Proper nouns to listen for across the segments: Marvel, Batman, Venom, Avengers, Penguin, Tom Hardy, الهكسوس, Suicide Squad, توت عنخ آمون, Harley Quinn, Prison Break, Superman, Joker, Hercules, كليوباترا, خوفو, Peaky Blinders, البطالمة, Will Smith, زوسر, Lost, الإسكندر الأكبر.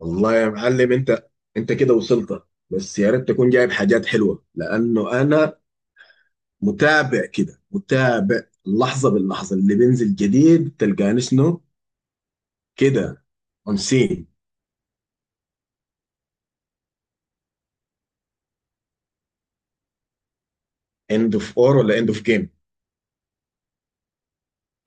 والله يا معلم انت كده وصلت. بس يا ريت تكون جايب حاجات حلوه، لانه انا متابع كده، متابع لحظه باللحظه، اللي بينزل جديد تلقاني شنو كده. اون سين، اند اوف اور ولا اند اوف جيم؟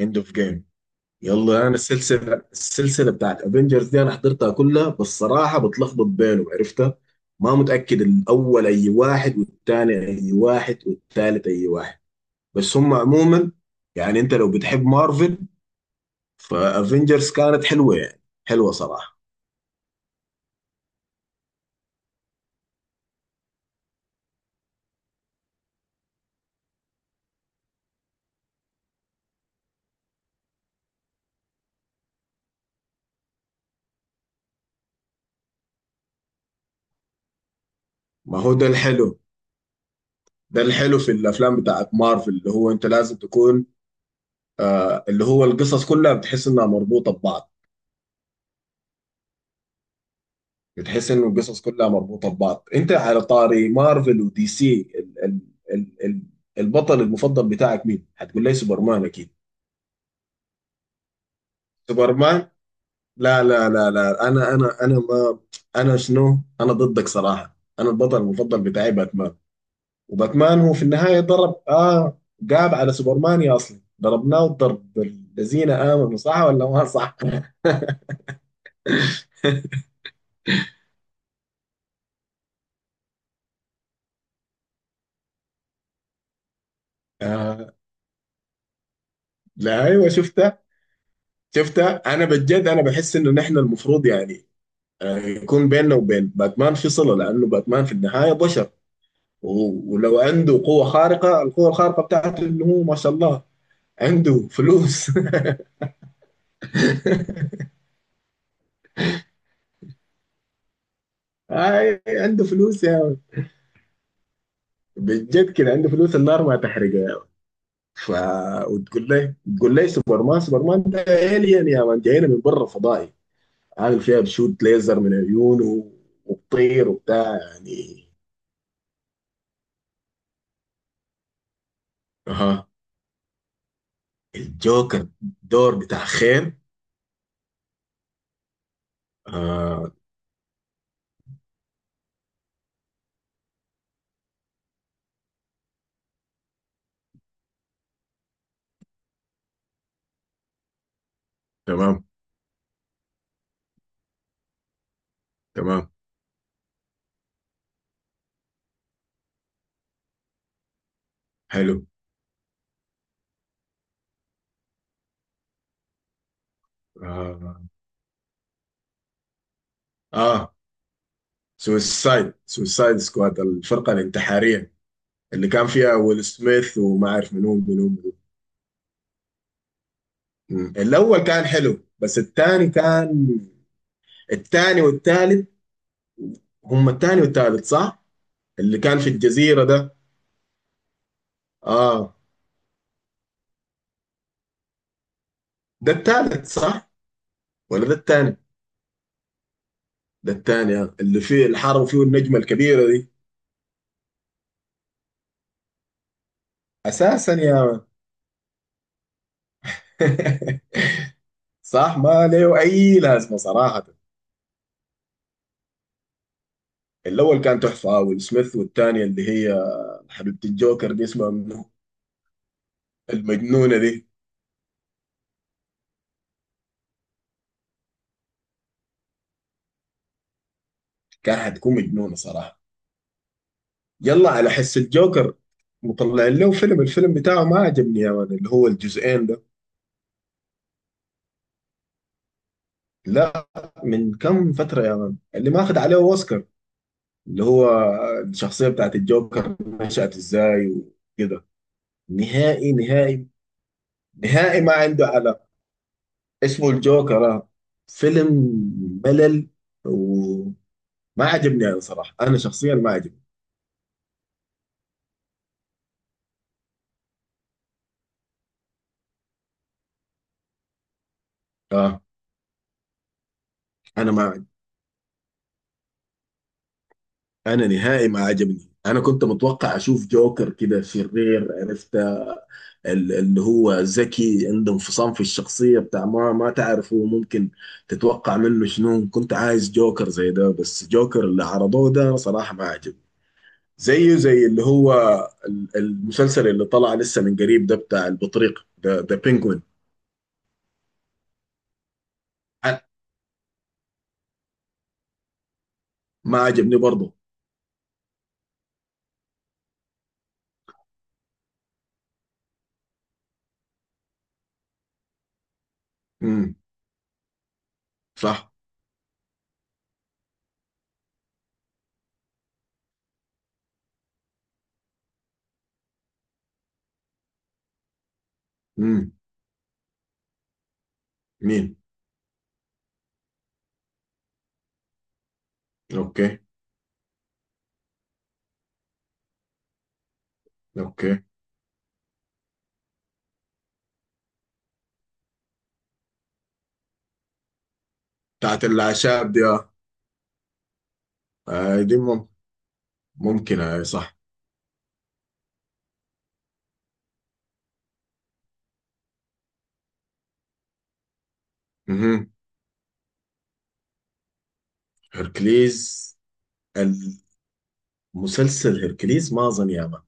اند اوف جيم. يلا انا السلسله، بتاعت افنجرز دي انا حضرتها كلها، بس صراحه بتلخبط بينهم، عرفتها؟ ما متاكد الاول اي واحد والثاني اي واحد والثالث اي واحد. بس هم عموما يعني انت لو بتحب مارفل، فافنجرز كانت حلوه، يعني حلوه صراحه. ما هو ده الحلو. ده الحلو في الافلام بتاعت مارفل، اللي هو انت لازم تكون اللي هو القصص كلها بتحس انها مربوطه ببعض. بتحس انه القصص كلها مربوطه ببعض. انت على طاري مارفل ودي سي، ال البطل المفضل بتاعك مين؟ هتقول لي سوبرمان اكيد. سوبرمان؟ لا لا لا لا. انا انا انا ما انا شنو؟ انا ضدك صراحه، انا البطل المفضل بتاعي باتمان. وباتمان هو في النهاية ضرب قاب على سوبرمان، يا أصلا ضربناه الضرب الذين آمنوا، صح ولا ما صح؟ آه لا أيوه شفتها. شفتها أنا بجد. أنا بحس إنه نحن المفروض يعني يكون بيننا وبين باتمان في صلة، لأنه باتمان في النهاية بشر. و- ولو عنده قوة خارقة، القوة الخارقة بتاعته إنه هو ما شاء الله عنده فلوس. آه عنده فلوس يا يعني. بجد كده عنده فلوس، النار ما تحرقه. ف وتقول لي سوبر مان ده الين يا مان، جاينا من برا فضائي، عامل فيها بشوت ليزر من عيونه، وبطير وبتاع يعني. اها، الجوكر. دور بتاع خير؟ آه. تمام، تمام. حلو. اه, آه. سويسايد، سكواد، الفرقة الانتحارية. اللي كان فيها ويل سميث، وما عارف منو منو منو. مم. الأول كان حلو، بس الثاني كان الثاني والثالث. هم الثاني والثالث صح؟ اللي كان في الجزيرة ده. اه، ده التالت صح ولا ده التاني؟ ده التاني آه. اللي فيه اللي حاربوا فيه النجمة الكبيرة دي. اساسا يا مان. صح، ما له اي لازمة صراحة. الاول كان تحفة آه، ويل سميث، والتانية اللي هي حبيبة الجوكر دي اسمها منو، المجنونة دي. كان حتكون مجنونة صراحة. يلا على حس الجوكر. مطلع له فيلم، الفيلم بتاعه ما عجبني يا مان، اللي هو الجزئين ده. لا، من كم فترة يا مان، اللي ماخذ عليه اوسكار، اللي هو الشخصية بتاعت الجوكر نشأت ازاي وكده. نهائي نهائي نهائي، ما عنده علم. اسمه الجوكر آه. فيلم ملل، وما عجبني انا صراحة، انا شخصيا ما عجبني. اه، انا ما عجب. انا نهائي ما عجبني. انا كنت متوقع اشوف جوكر كده شرير، عرفت؟ اللي هو ذكي، عنده انفصام في الشخصية، بتاع ما تعرفه ممكن تتوقع منه شنو. كنت عايز جوكر زي ده، بس جوكر اللي عرضوه ده أنا صراحة ما عجبني. زيه زي اللي هو المسلسل اللي طلع لسه من قريب ده، بتاع البطريق، ذا بينجوين. ما عجبني برضه. امم صح. امم مين؟ اوكي. اوكي. بتاعت الاعشاب دي آه. آه، دي ممكن آه صح. امم هركليز. مسلسل هيركليز ما اظن يا مان.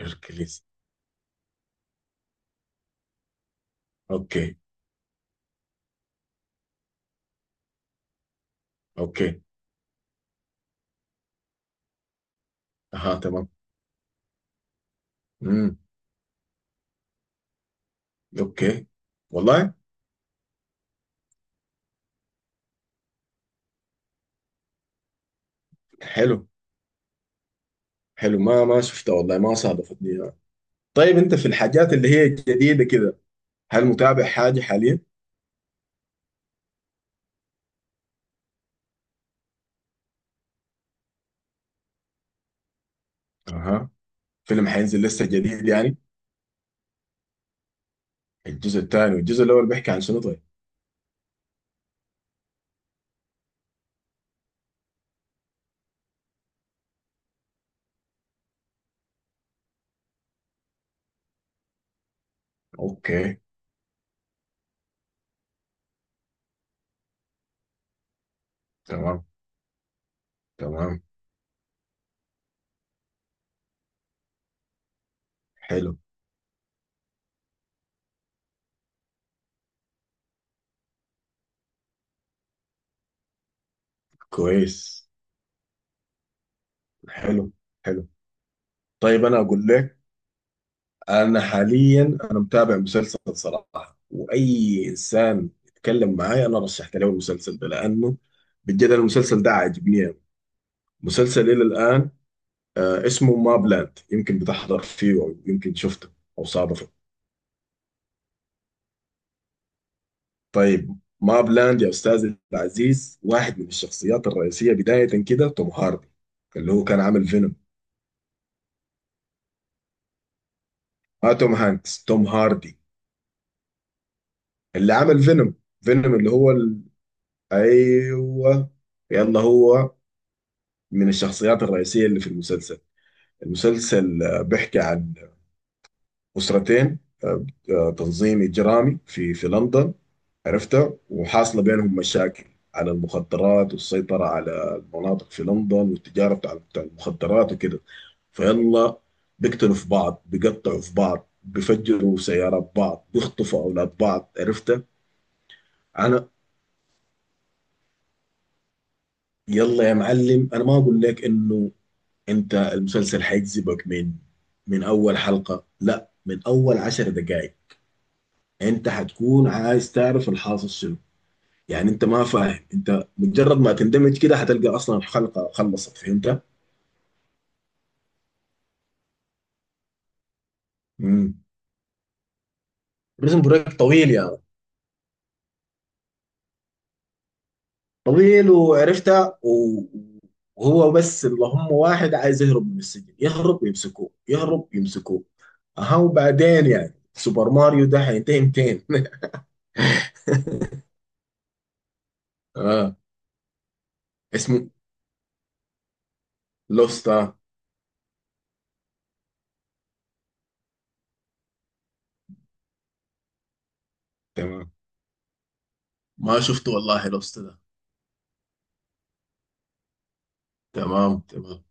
هيركليز. اوكي. اوكي. اها تمام. امم اوكي. والله. حلو، حلو. ما شفتها والله، ما صادفتني يعني. طيب انت في الحاجات اللي هي جديده كده، هل متابع حاجه حاليا؟ اها. فيلم حينزل لسه جديد يعني؟ الجزء الثاني، والجزء الاول بيحكي عن شنو طيب؟ اوكي. تمام. تمام. حلو. كويس. حلو. حلو. طيب انا اقول لك. انا حاليا انا متابع مسلسل صراحه، واي انسان يتكلم معاي انا رشحت له المسلسل ده، لانه بجد المسلسل ده عاجبني أوي. مسلسل الى الان آه اسمه ما بلاند، يمكن بتحضر فيه او يمكن شفته او صادفه. طيب ما بلاند يا استاذي العزيز، واحد من الشخصيات الرئيسيه بدايه كده توم هاردي، اللي هو كان عامل فينوم. ما توم هانكس، توم هاردي، اللي عمل فينوم. فينوم اللي هو ال... ايوه. يلا هو من الشخصيات الرئيسية اللي في المسلسل. المسلسل آه، بيحكي عن أسرتين، آه، آه، تنظيم إجرامي في لندن، عرفتها. وحاصلة بينهم مشاكل على المخدرات، والسيطرة على المناطق في لندن، والتجارة بتاع المخدرات وكده. فيلا بيقتلوا في بعض، بيقطعوا في بعض، بيفجروا سيارات بعض، بيخطفوا أولاد بعض، عرفتها. أنا يلا يا معلم، أنا ما أقول لك إنه انت المسلسل هيجذبك من من اول حلقة، لا من اول 10 دقائق. انت هتكون عايز تعرف الحاصل شنو. يعني انت ما فاهم، انت مجرد ما تندمج كده هتلقى اصلا الحلقة خلصت، فهمت؟ امم بريزن بريك طويل يا يعني. طويل وعرفتها و... وهو بس اللهم واحد عايز يهرب من السجن، يهرب يمسكوه، يهرب يمسكوه. اها وبعدين يعني سوبر ماريو ده هينتهي 200. اه، اسمه لوستا. تمام، ما شفته والله لوست ده. تمام. تمام.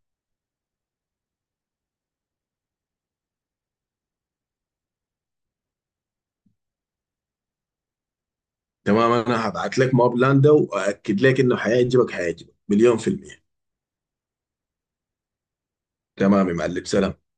تمام انا هبعت لك ماب لاند ده واكد لك انه حيعجبك، حيعجبك مليون%. تمام يا معلم، سلام.